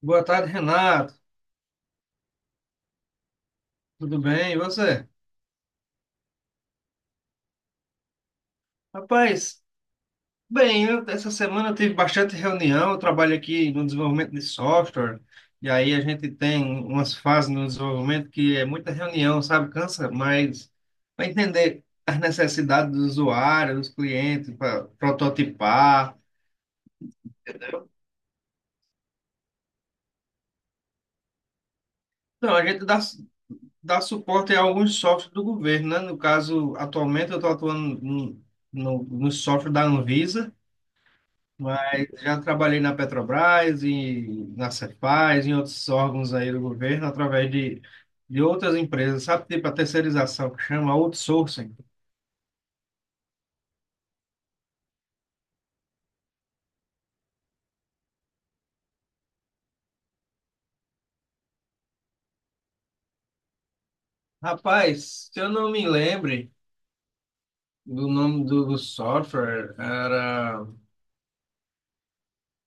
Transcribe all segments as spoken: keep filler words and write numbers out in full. Boa tarde, Renato. Tudo bem? E você? Rapaz, bem, eu- essa semana eu tive bastante reunião. Eu trabalho aqui no desenvolvimento de software, e aí a gente tem umas fases no desenvolvimento que é muita reunião, sabe? Cansa, mas para entender as necessidades do usuário, dos clientes, para prototipar, entendeu? Então, a gente dá, dá suporte a alguns softwares do governo, né? No caso, atualmente eu estou atuando no, no, no software da Anvisa. Mas já trabalhei na Petrobras e na Cefaz, em outros órgãos aí do governo, através de, de outras empresas, sabe? Tipo a terceirização, que chama outsourcing. Rapaz, se eu não me lembre do nome do, do software, era...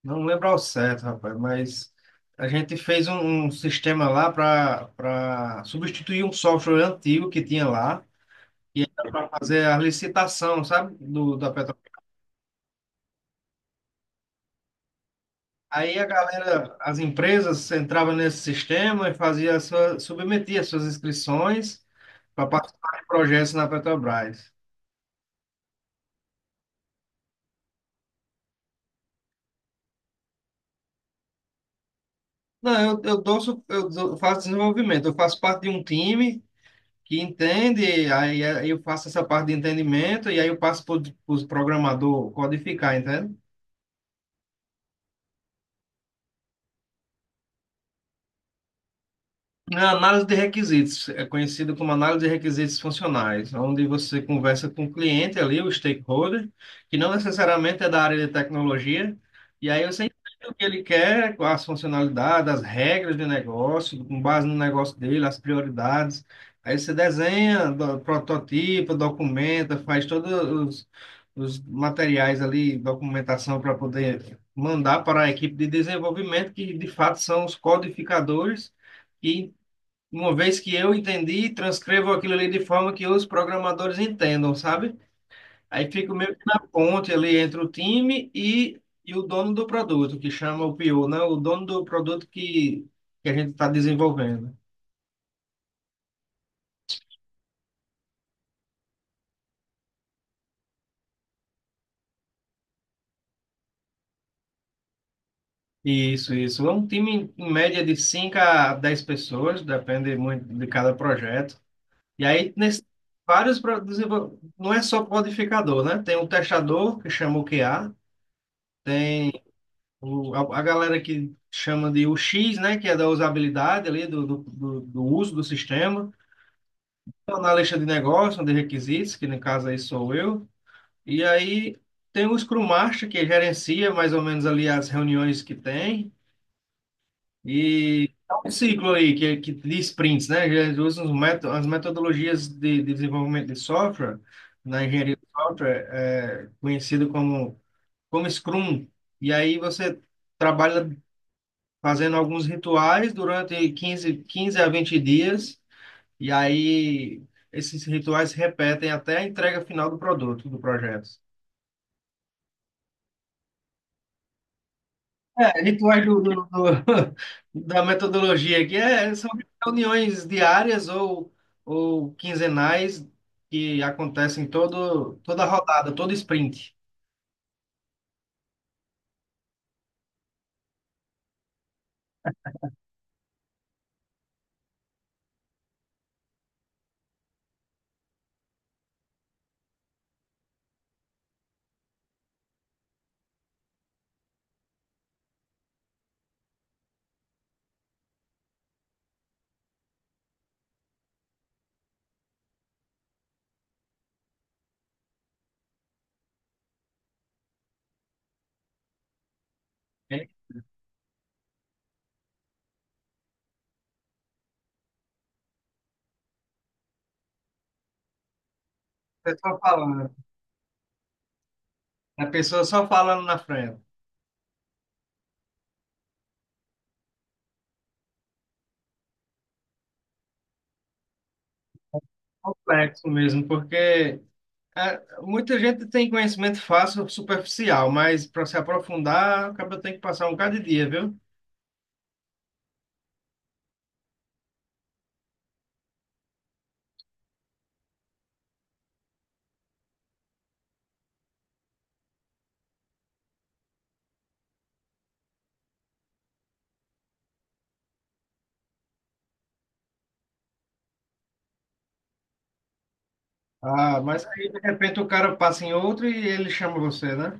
Não lembro ao certo, rapaz, mas a gente fez um, um sistema lá para para substituir um software antigo que tinha lá, e era para fazer a licitação, sabe? Do, da Petrobras. Aí a galera, as empresas entravam nesse sistema e fazia a sua, submetia suas inscrições para participar de projetos na Petrobras. Não, eu, eu, dou, su- eu dou- faço desenvolvimento, eu faço parte de um time que entende, aí aí eu faço essa parte de entendimento e aí eu passo para os programador codificar. É A análise de requisitos é conhecida como análise de requisitos funcionais, onde você conversa com o cliente ali, o stakeholder, que não necessariamente é da área de tecnologia, e aí você entende o que ele quer, as funcionalidades, as regras de negócio, com base no negócio dele, as prioridades. Aí você desenha, do- prototipa, documenta, faz todos os, os materiais ali, documentação para poder mandar para a equipe de desenvolvimento, que de fato são os codificadores que, uma vez que eu entendi, transcrevo aquilo ali de forma que os programadores entendam, sabe? Aí fico meio que na ponte ali entre o time e, e o dono do produto, que chama o P O, né? O dono do produto que, que a gente está desenvolvendo. Isso, isso. É um time em em média de cinco a dez pessoas, depende muito de cada projeto. E aí, nesse, vários pro- desenvol- não é só codificador, né? Tem um testador, que chama o Q A. O- a, a galera que chama de U X, né, que é da usabilidade ali, do, do, do, do uso do sistema. Então, na lista de negócios, de requisitos, que no caso aí sou eu. E aí tem o Scrum Master, que gerencia mais ou menos ali as reuniões que tem. E é um ciclo aí, que, que de sprints, né? Eles usam os meto- as metodologias de, de desenvolvimento de software, na engenharia de software, é conhecido como, como Scrum. E aí você trabalha fazendo alguns rituais durante quinze quinze a vinte dias, e aí esses rituais se repetem até a entrega final do produto, do projeto. É, rituais do, do- do- da metodologia aqui é, são reuniões diárias ou, ou quinzenais que acontecem todo, toda rodada, todo sprint. É, a pessoa falando, a pessoa só falando na frente. Complexo mesmo, porque é, muita gente tem conhecimento fácil, superficial, mas para se aprofundar, acaba tem que passar um bocado de dia, viu? Ah, mas aí de repente o cara passa em outro e ele chama você, né?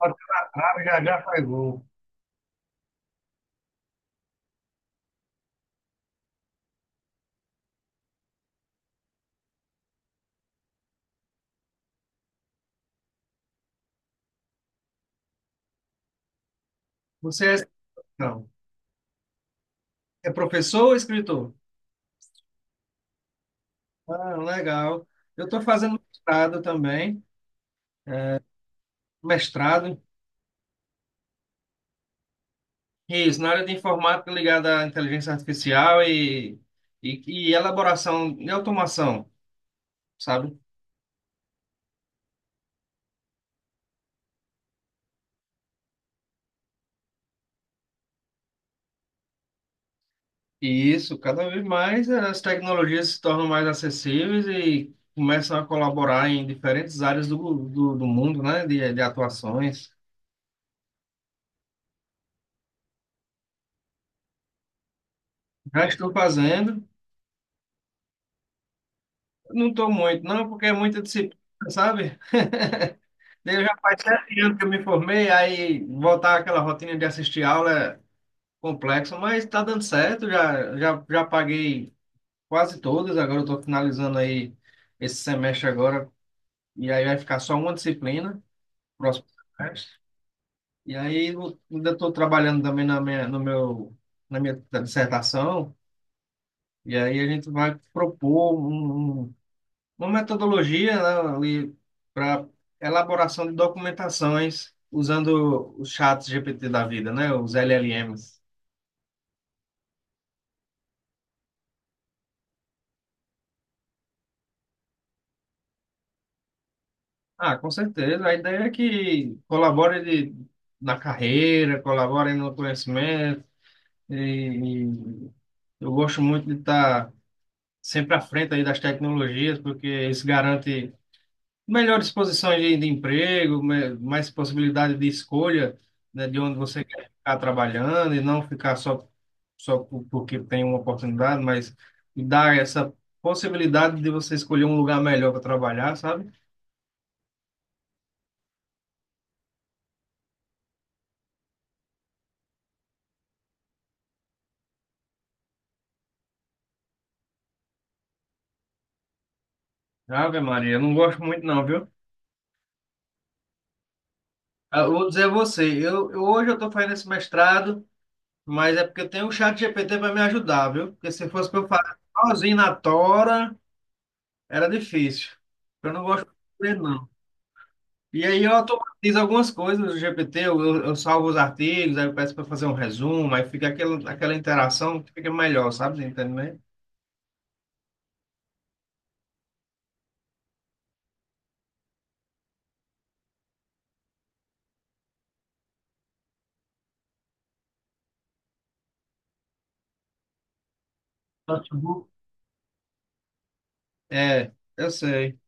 Bateu na trave, já já faz gol. Você é, não, é professor ou escritor? Ah, legal. Eu estou fazendo mestrado também, mestrado, isso, na área de informática ligada à inteligência artificial e, e, e elaboração e automação, sabe? E isso, cada vez mais eh, as tecnologias se tornam mais acessíveis e começam a colaborar em diferentes áreas do, do, do mundo, né, de, de atuações. Já estou fazendo, não estou muito, não, porque é muita disciplina, sabe? Eu já faz sete anos que eu me formei, aí voltar àquela rotina de assistir aula é complexo, mas está dando certo, já, já, já paguei quase todas, agora eu estou finalizando aí esse semestre agora, e aí vai ficar só uma disciplina, próximo semestre. E aí eu ainda estou trabalhando também na minha, no meu, na minha dissertação, e aí a gente vai propor um, um- uma metodologia, né, ali para elaboração de documentações usando os chats G P T da vida, né, os L L Ms. Ah, com certeza. A ideia é que colabore de- na carreira, colabore no conhecimento. E, e eu gosto muito de estar sempre à frente aí das tecnologias, porque isso garante melhores posições de, de emprego, me- mais possibilidade de escolha, né, de onde você quer ficar trabalhando e não ficar só, só por- porque tem uma oportunidade, mas dar essa possibilidade de você escolher um lugar melhor para trabalhar, sabe? Ave Maria, eu não gosto muito não, viu? Ah, eu vou dizer a você, eu, eu- hoje eu estou fazendo esse mestrado, mas é porque eu tenho o chat G P T para me ajudar, viu? Porque se fosse para eu fazer sozinho na tora, era difícil. Eu não gosto de aprender, não. E aí eu automatizo algumas coisas no G P T, eu, eu- eu salvo os artigos, aí eu peço para fazer um resumo, aí fica aquela, aquela interação que fica melhor, sabe? Entende bem? Notebook. É, eu sei.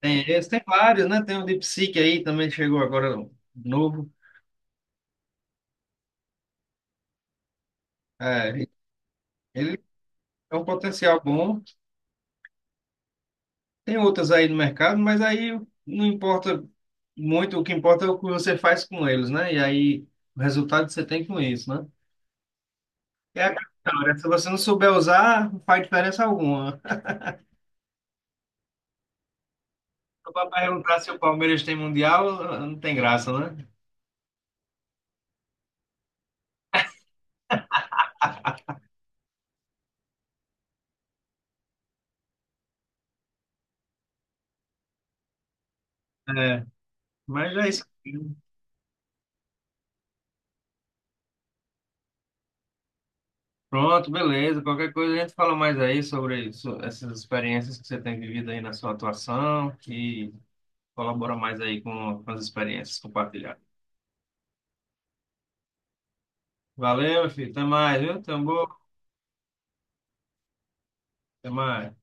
Tem esse, tem vários, né? Tem o DeepSeek aí, também chegou agora um novo. É, ele é um potencial bom. Tem outros aí no mercado, mas aí não importa muito, o que importa é o que você faz com eles, né? E aí o resultado que você tem com isso, né? É a questão, né? Se você não souber usar, não faz diferença alguma, né? Se o papai perguntar se o Palmeiras tem mundial, não tem graça, né? É, mas é isso. Pronto, beleza. Qualquer coisa a gente fala mais aí sobre isso- essas experiências que você tem vivido aí na sua atuação e colabora mais aí com, com as experiências compartilhadas. Valeu, meu filho. Até mais, viu? Tamo, até mais.